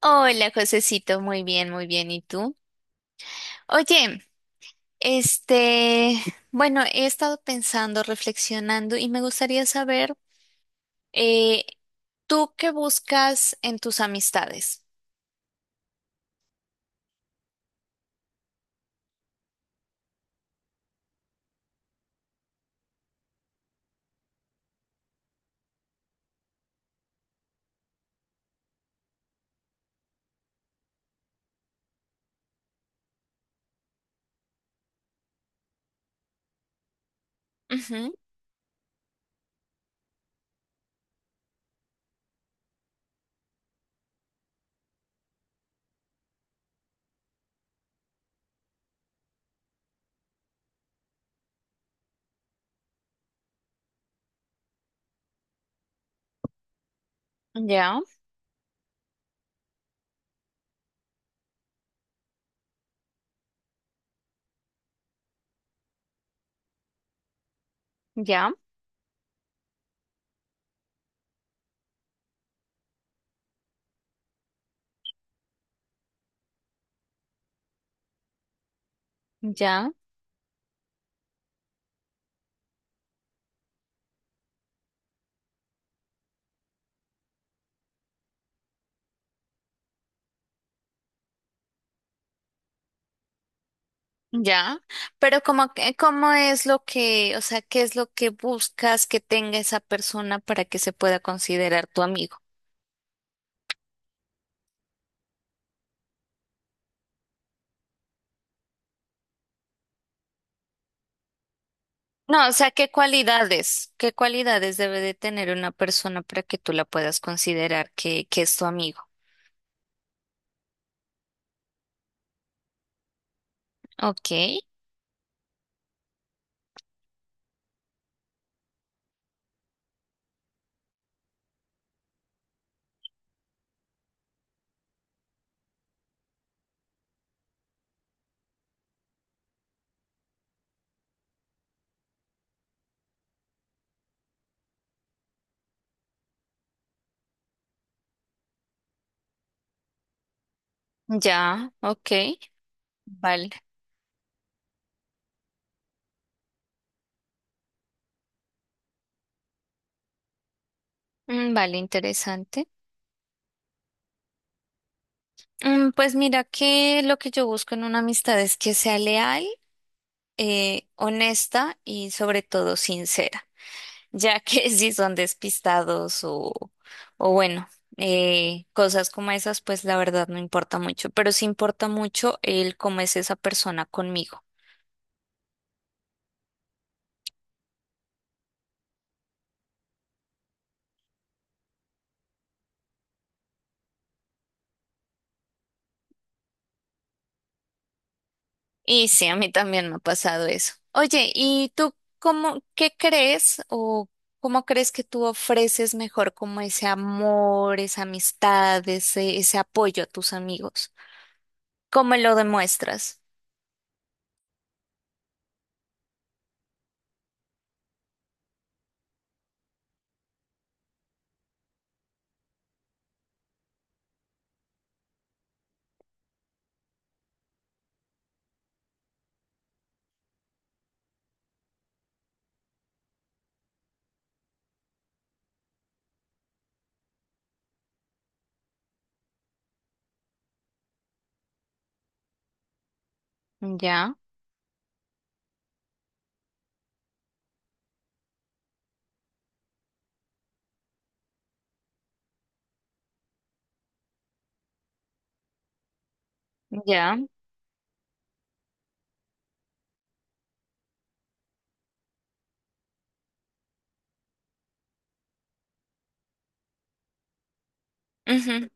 Hola, Josecito, muy bien, muy bien. ¿Y tú? Oye, este, bueno, he estado pensando, reflexionando y me gustaría saber, eh, ¿tú qué buscas en tus amistades? Ujú. Ya, ya, ya, ya. Pero ¿cómo es lo que, o sea, qué es lo que buscas que tenga esa persona para que se pueda considerar tu amigo? No, o sea, qué cualidades debe de tener una persona para que tú la puedas considerar que es tu amigo? Ok, ya, ok, vale. Mm, vale, interesante. Mm, pues mira que lo que yo busco en una amistad es que sea leal, honesta y sobre todo sincera, ya que si son despistados o bueno, cosas como esas, pues la verdad no importa mucho, pero sí importa mucho el cómo es esa persona conmigo. Y sí, a mí también me ha pasado eso. Oye, ¿y tú cómo, qué crees o cómo crees que tú ofreces mejor como ese amor, esa amistad, ese apoyo a tus amigos? ¿Cómo lo demuestras? Ya, ya, ujú,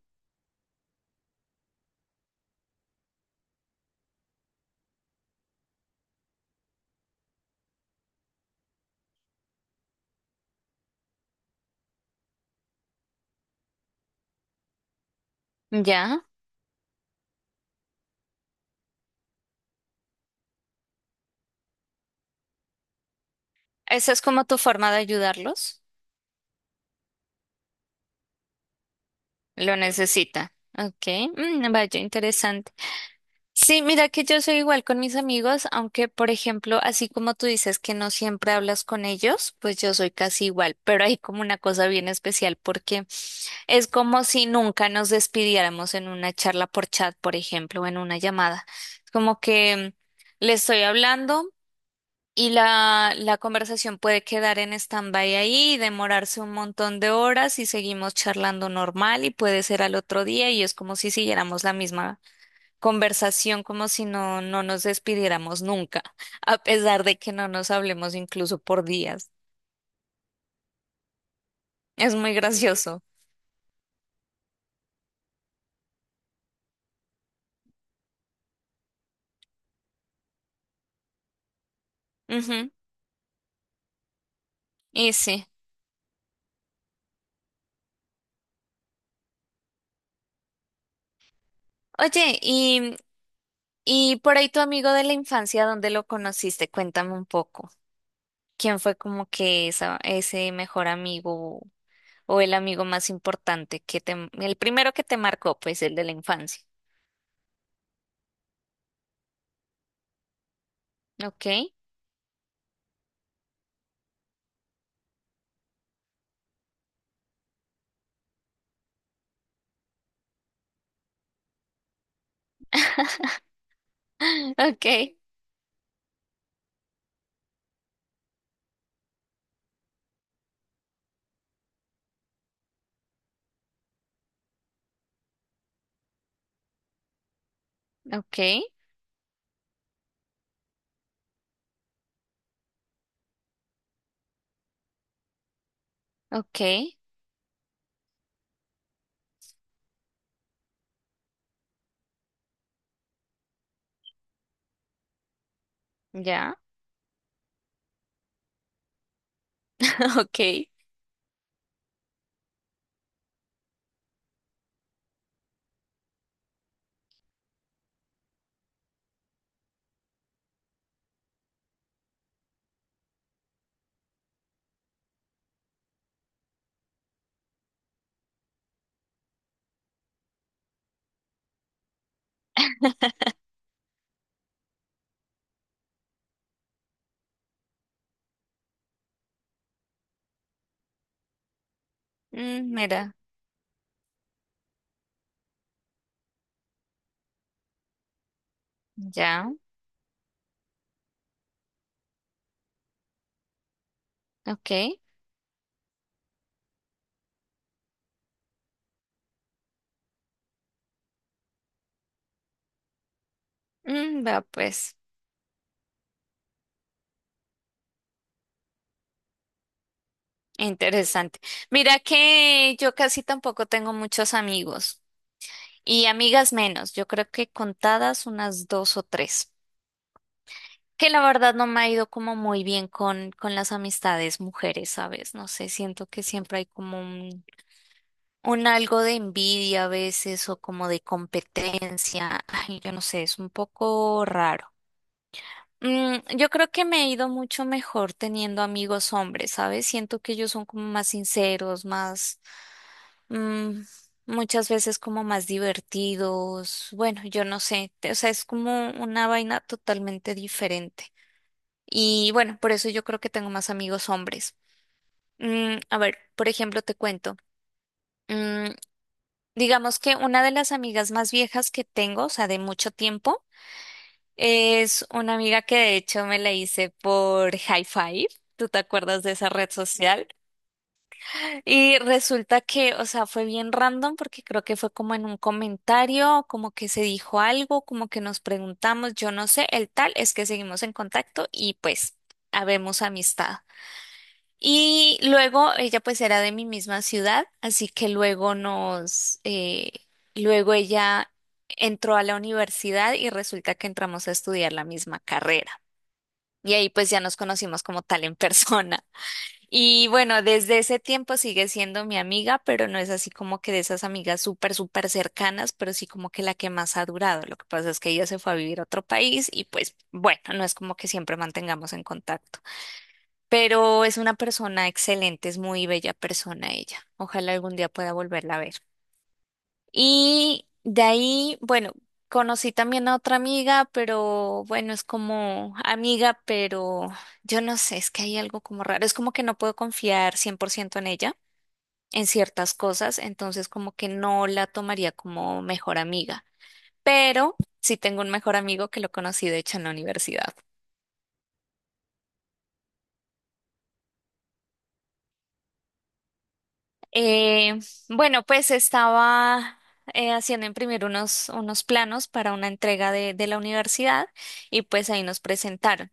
ya. ¿Esa es como tu forma de ayudarlos? Lo necesita. Ok, mm, vaya, interesante. Sí, mira que yo soy igual con mis amigos, aunque por ejemplo, así como tú dices que no siempre hablas con ellos, pues yo soy casi igual, pero hay como una cosa bien especial porque es como si nunca nos despidiéramos en una charla por chat, por ejemplo, o en una llamada. Es como que le estoy hablando y la conversación puede quedar en stand-by ahí, demorarse un montón de horas y seguimos charlando normal y puede ser al otro día y es como si siguiéramos la misma conversación como si no nos despidiéramos nunca, a pesar de que no nos hablemos incluso por días. Es muy gracioso. Ujú. Y sí. Oye, y por ahí tu amigo de la infancia, ¿dónde lo conociste? Cuéntame un poco. ¿Quién fue como que ese mejor amigo o el amigo más importante que te, el primero que te marcó, pues el de la infancia? Ok. Ok, ok, ok, ya, ok. Mm, mira, ya. Ok. Mm, vea pues, interesante. Mira que yo casi tampoco tengo muchos amigos y amigas menos, yo creo que contadas unas 2 o 3, que la verdad no me ha ido como muy bien con las amistades mujeres, ¿sabes? No sé, siento que siempre hay como un algo de envidia a veces o como de competencia, ay, yo no sé, es un poco raro. Mm, yo creo que me he ido mucho mejor teniendo amigos hombres, ¿sabes? Siento que ellos son como más sinceros, mm, muchas veces como más divertidos. Bueno, yo no sé, o sea, es como una vaina totalmente diferente. Y bueno, por eso yo creo que tengo más amigos hombres. Mm, a ver, por ejemplo, te cuento. Mm, digamos que una de las amigas más viejas que tengo, o sea, de mucho tiempo, es una amiga que de hecho me la hice por hi5. ¿Tú te acuerdas de esa red social? Y resulta que, o sea, fue bien random porque creo que fue como en un comentario, como que se dijo algo, como que nos preguntamos, yo no sé, el tal es que seguimos en contacto y pues habemos amistad. Y luego ella pues era de mi misma ciudad, así que luego nos, luego ella entró a la universidad y resulta que entramos a estudiar la misma carrera. Y ahí pues ya nos conocimos como tal en persona. Y bueno, desde ese tiempo sigue siendo mi amiga, pero no es así como que de esas amigas súper, súper cercanas, pero sí como que la que más ha durado. Lo que pasa es que ella se fue a vivir a otro país y pues bueno, no es como que siempre mantengamos en contacto. Pero es una persona excelente, es muy bella persona ella. Ojalá algún día pueda volverla a ver. Y de ahí, bueno, conocí también a otra amiga, pero bueno, es como amiga, pero yo no sé, es que hay algo como raro, es como que no puedo confiar 100% en ella, en ciertas cosas, entonces como que no la tomaría como mejor amiga, pero sí tengo un mejor amigo que lo conocí de hecho en la universidad. Eh, bueno, pues estaba... haciendo imprimir unos planos para una entrega de la universidad y pues ahí nos presentaron.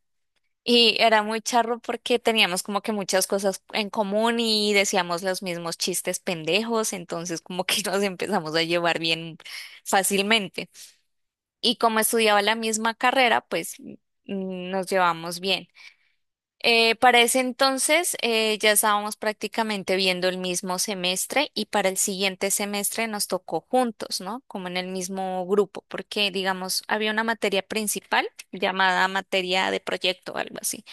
Y era muy charro porque teníamos como que muchas cosas en común y decíamos los mismos chistes pendejos, entonces como que nos empezamos a llevar bien fácilmente. Y como estudiaba la misma carrera, pues nos llevamos bien. Para ese entonces ya estábamos prácticamente viendo el mismo semestre y para el siguiente semestre nos tocó juntos, ¿no? Como en el mismo grupo, porque digamos, había una materia principal llamada materia de proyecto, algo así.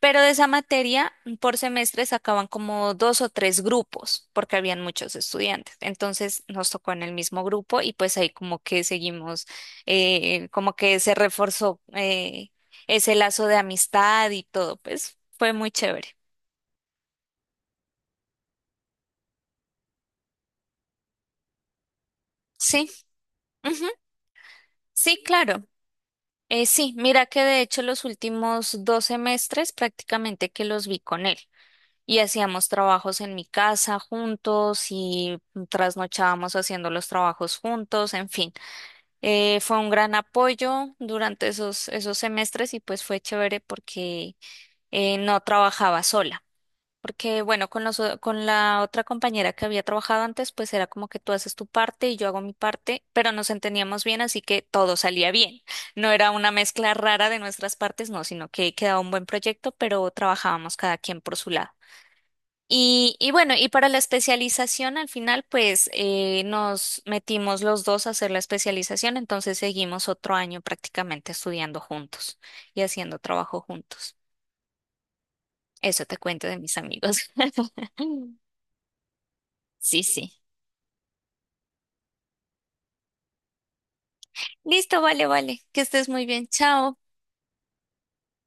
Pero de esa materia, por semestre sacaban como 2 o 3 grupos, porque habían muchos estudiantes. Entonces nos tocó en el mismo grupo y pues ahí como que seguimos, como que se reforzó ese lazo de amistad y todo, pues fue muy chévere. Sí, ujú, sí, claro. Sí, mira que de hecho los últimos 2 semestres prácticamente que los vi con él. Y hacíamos trabajos en mi casa juntos y trasnochábamos haciendo los trabajos juntos, en fin. Fue un gran apoyo durante esos semestres y pues fue chévere porque no trabajaba sola. Porque bueno, con con la otra compañera que había trabajado antes, pues era como que tú haces tu parte y yo hago mi parte, pero nos entendíamos bien, así que todo salía bien. No era una mezcla rara de nuestras partes, no, sino que quedaba un buen proyecto, pero trabajábamos cada quien por su lado. Y bueno, y para la especialización al final, pues nos metimos los dos a hacer la especialización, entonces seguimos otro año prácticamente estudiando juntos y haciendo trabajo juntos. Eso te cuento de mis amigos. Sí, sí. Listo, vale, vale. Que estés muy bien. Chao.